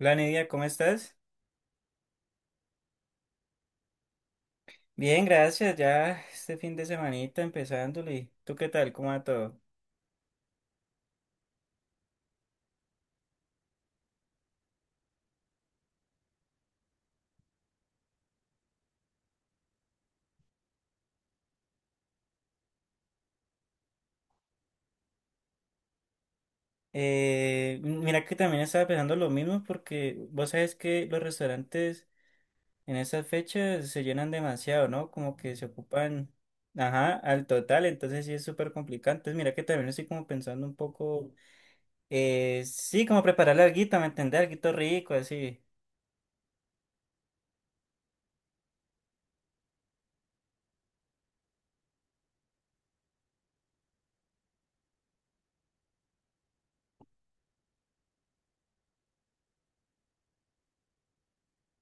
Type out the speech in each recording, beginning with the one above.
Hola Nidia, ¿cómo estás? Bien, gracias. Ya este fin de semanita empezándole. ¿Tú qué tal? ¿Cómo va todo? Mira que también estaba pensando lo mismo porque vos sabes que los restaurantes en esas fechas se llenan demasiado, ¿no? Como que se ocupan, ajá, al total. Entonces sí es súper complicado. Entonces mira que también estoy como pensando un poco, sí, como preparar alguito, ¿me entendés? Alguito rico, así.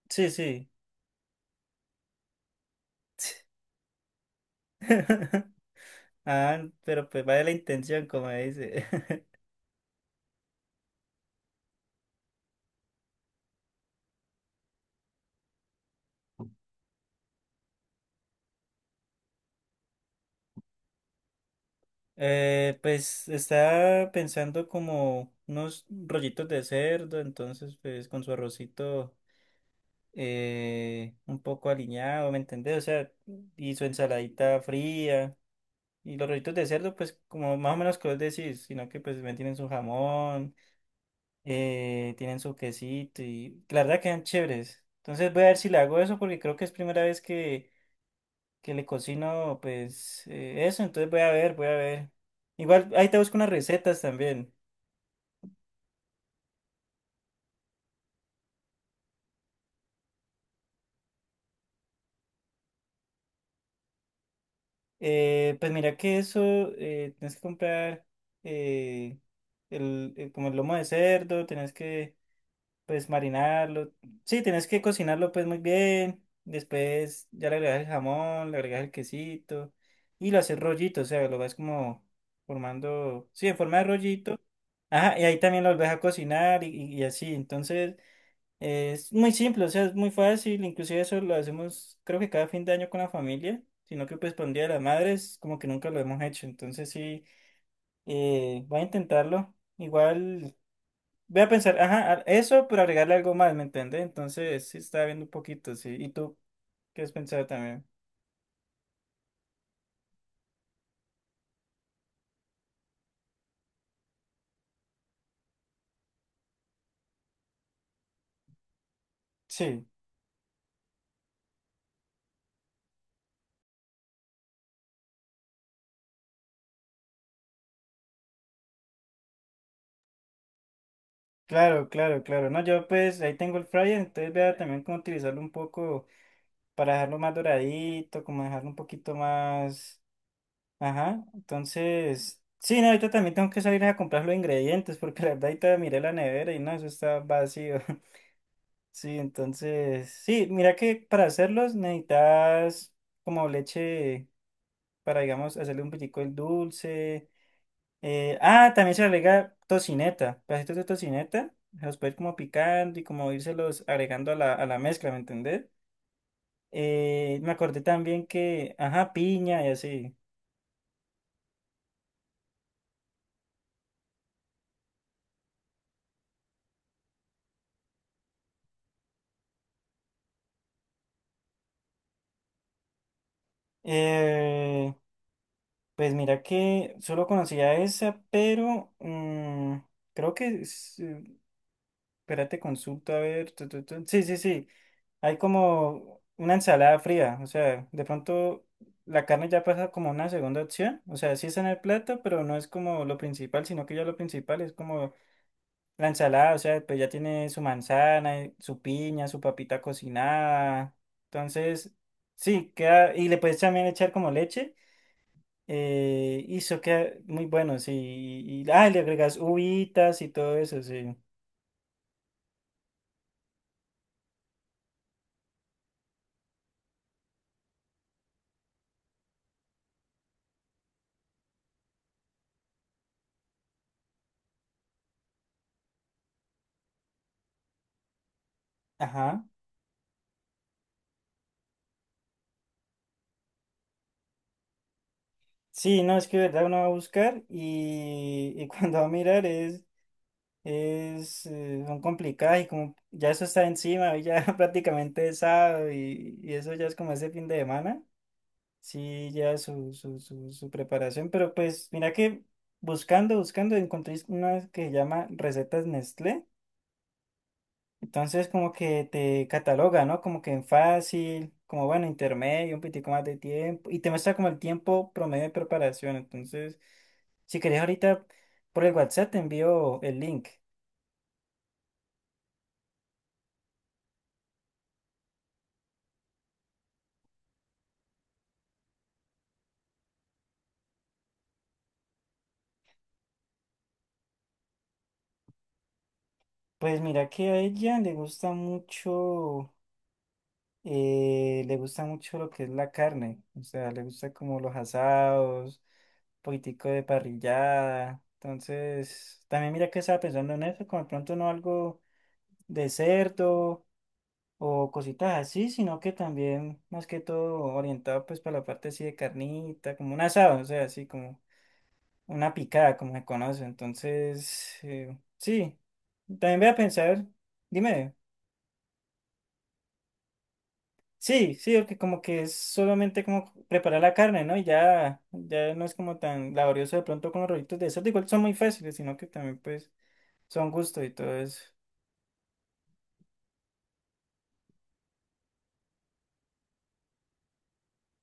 Sí, sí. Ah, pero pues vaya la intención, como dice. Pues estaba pensando como unos rollitos de cerdo, entonces pues con su arrocito un poco aliñado, ¿me entendés? O sea, y su ensaladita fría. Y los rollitos de cerdo, pues como más o menos que vos decís, sino que pues también tienen su jamón, tienen su quesito y la verdad quedan chéveres. Entonces voy a ver si le hago eso porque creo que es primera vez que le cocino, pues eso. Entonces voy a ver, voy a ver. Igual ahí te busco unas recetas también. Pues mira que eso, tienes que comprar eh, como el lomo de cerdo. Tienes que pues marinarlo. Sí, tienes que cocinarlo pues muy bien. Después ya le agregas el jamón, le agregas el quesito y lo haces rollito, o sea, lo vas como formando, sí, en forma de rollito. Ajá, y ahí también lo volvés a cocinar y así. Entonces... Es muy simple, o sea, es muy fácil, inclusive eso lo hacemos creo que cada fin de año con la familia, sino que pues para un Día de las Madres como que nunca lo hemos hecho. Entonces sí, voy a intentarlo, igual voy a pensar, ajá, eso, pero agregarle algo más, ¿me entiendes? Entonces sí, estaba viendo un poquito, sí, ¿y tú qué has pensado también? Sí, claro, claro, claro, no, yo pues ahí tengo el fryer, entonces voy a también como utilizarlo un poco para dejarlo más doradito, como dejarlo un poquito más... Ajá, entonces, sí, no, ahorita también tengo que salir a comprar los ingredientes porque la verdad ahorita miré la nevera y no, eso está vacío. Sí, entonces, sí, mira que para hacerlos necesitas como leche para, digamos, hacerle un poquito el dulce. También se le agrega tocineta, pedacitos de tocineta, los puedes como picando y como irselos agregando a a la mezcla, ¿me entendés? Me acordé también que, ajá, piña y así. Eh, Pues mira que solo conocía esa, pero creo que... es, espérate, consulta, a ver. Tu, tu, tu. Sí, sí, sí. Hay como una ensalada fría. O sea, de pronto la carne ya pasa como una segunda opción. O sea, sí está en el plato, pero no es como lo principal, sino que ya lo principal es como la ensalada. O sea, pues ya tiene su manzana, su piña, su papita cocinada. Entonces, sí, queda... Y le puedes también echar como leche. Y eso queda muy bueno, sí. Le agregas uvitas y todo eso, sí. Ajá. Sí, no, es que de verdad uno va a buscar y cuando va a mirar son complicadas y como ya eso está encima, y ya prácticamente es sábado y eso ya es como ese fin de semana. Sí, ya su preparación, pero pues mira que buscando encontré una que se llama Recetas Nestlé. Entonces como que te cataloga, ¿no? Como que en fácil, como bueno, intermedio, un poquitico más de tiempo, y te muestra como el tiempo promedio de preparación. Entonces, si querés ahorita por el WhatsApp te envío el link. Pues mira que a ella le gusta mucho lo que es la carne, o sea, le gusta como los asados, un poquitico de parrillada. Entonces, también mira que estaba pensando en eso, como de pronto no algo de cerdo o cositas así, sino que también más que todo orientado pues para la parte así de carnita, como un asado, o sea, así como una picada, como se conoce. Entonces, sí, también voy a pensar, dime, sí, sí, porque como que es solamente como preparar la carne, ¿no? Ya no es como tan laborioso de pronto con los rollitos de cerdo, igual son muy fáciles, sino que también pues son gusto y todo eso.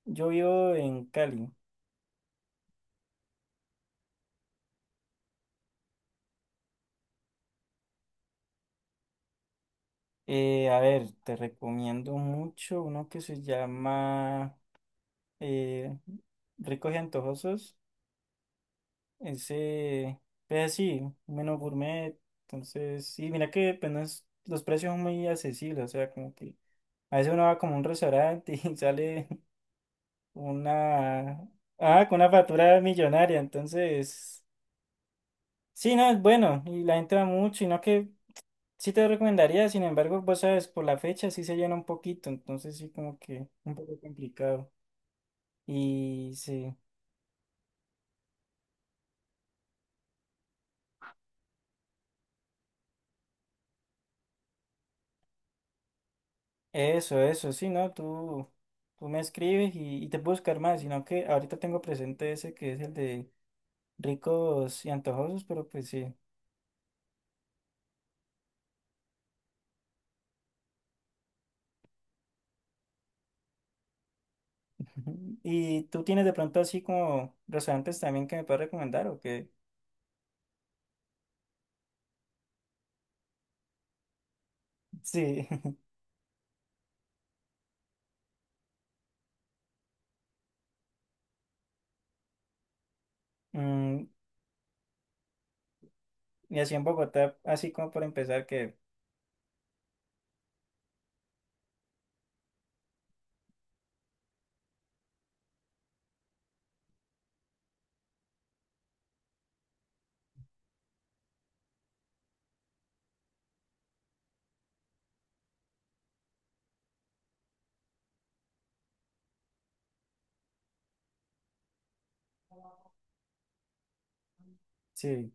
Yo vivo en Cali. A ver, te recomiendo mucho uno que se llama eh, ricos y antojosos. Ese, pues sí, menos gourmet. Entonces, sí, mira que pues, no es- los precios son muy accesibles. O sea, como que a veces uno va como a un restaurante y sale una, con una factura millonaria. Entonces, sí, no, es bueno. Y la gente va mucho. Y no que sí te recomendaría, sin embargo, vos sabes, por la fecha sí se llena un poquito. Entonces, sí, como que un poco complicado. Y sí. Eso, sí, ¿no? Tú me escribes y te puedo buscar más, sino que ahorita tengo presente ese que es el de ricos y antojosos, pero pues sí. ¿Y tú tienes de pronto así como restaurantes también que me puedas recomendar o qué? Sí. Mm, y así en Bogotá, así como por empezar, que sí,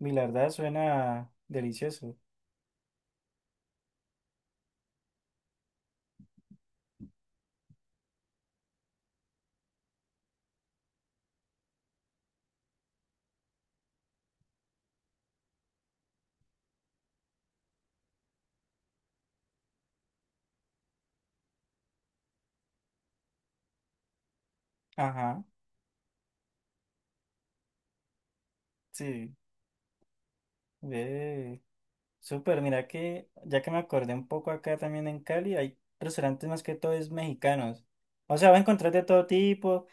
mi la verdad suena delicioso. Ajá, sí, ve. Súper, mira que ya que me acordé un poco acá también en Cali, hay restaurantes más que todo es mexicanos. O sea, va a encontrar de todo tipo.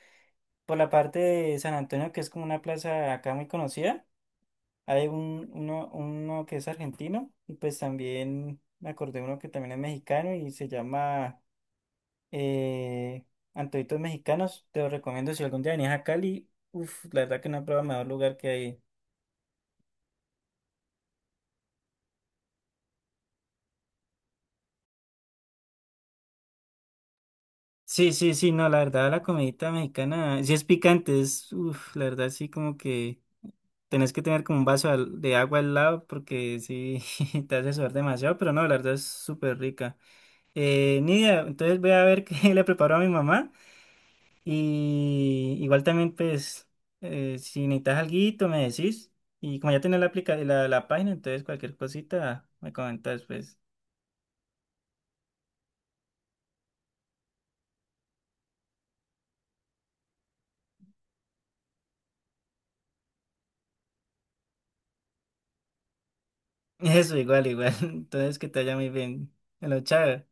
Por la parte de San Antonio, que es como una plaza acá muy conocida, hay uno que es argentino y pues también me acordé uno que también es mexicano y se llama eh, Antojitos Mexicanos. Te lo recomiendo si algún día venís a Cali. Uf, la verdad que no he probado mejor lugar que hay. Sí, sí, sí, no, la verdad, la comidita mexicana, sí es picante, es, uff, la verdad, sí, como que tenés que tener como un vaso de agua al lado porque sí, te hace sudar demasiado, pero no, la verdad es súper rica. Nidia, entonces voy a ver qué le preparo a mi mamá y igual también, pues, si necesitas alguito, me decís. Y como ya tenés aplica la página, entonces cualquier cosita me comentas, pues. Eso, igual, igual. Entonces, que te vaya muy bien. Bueno, chao.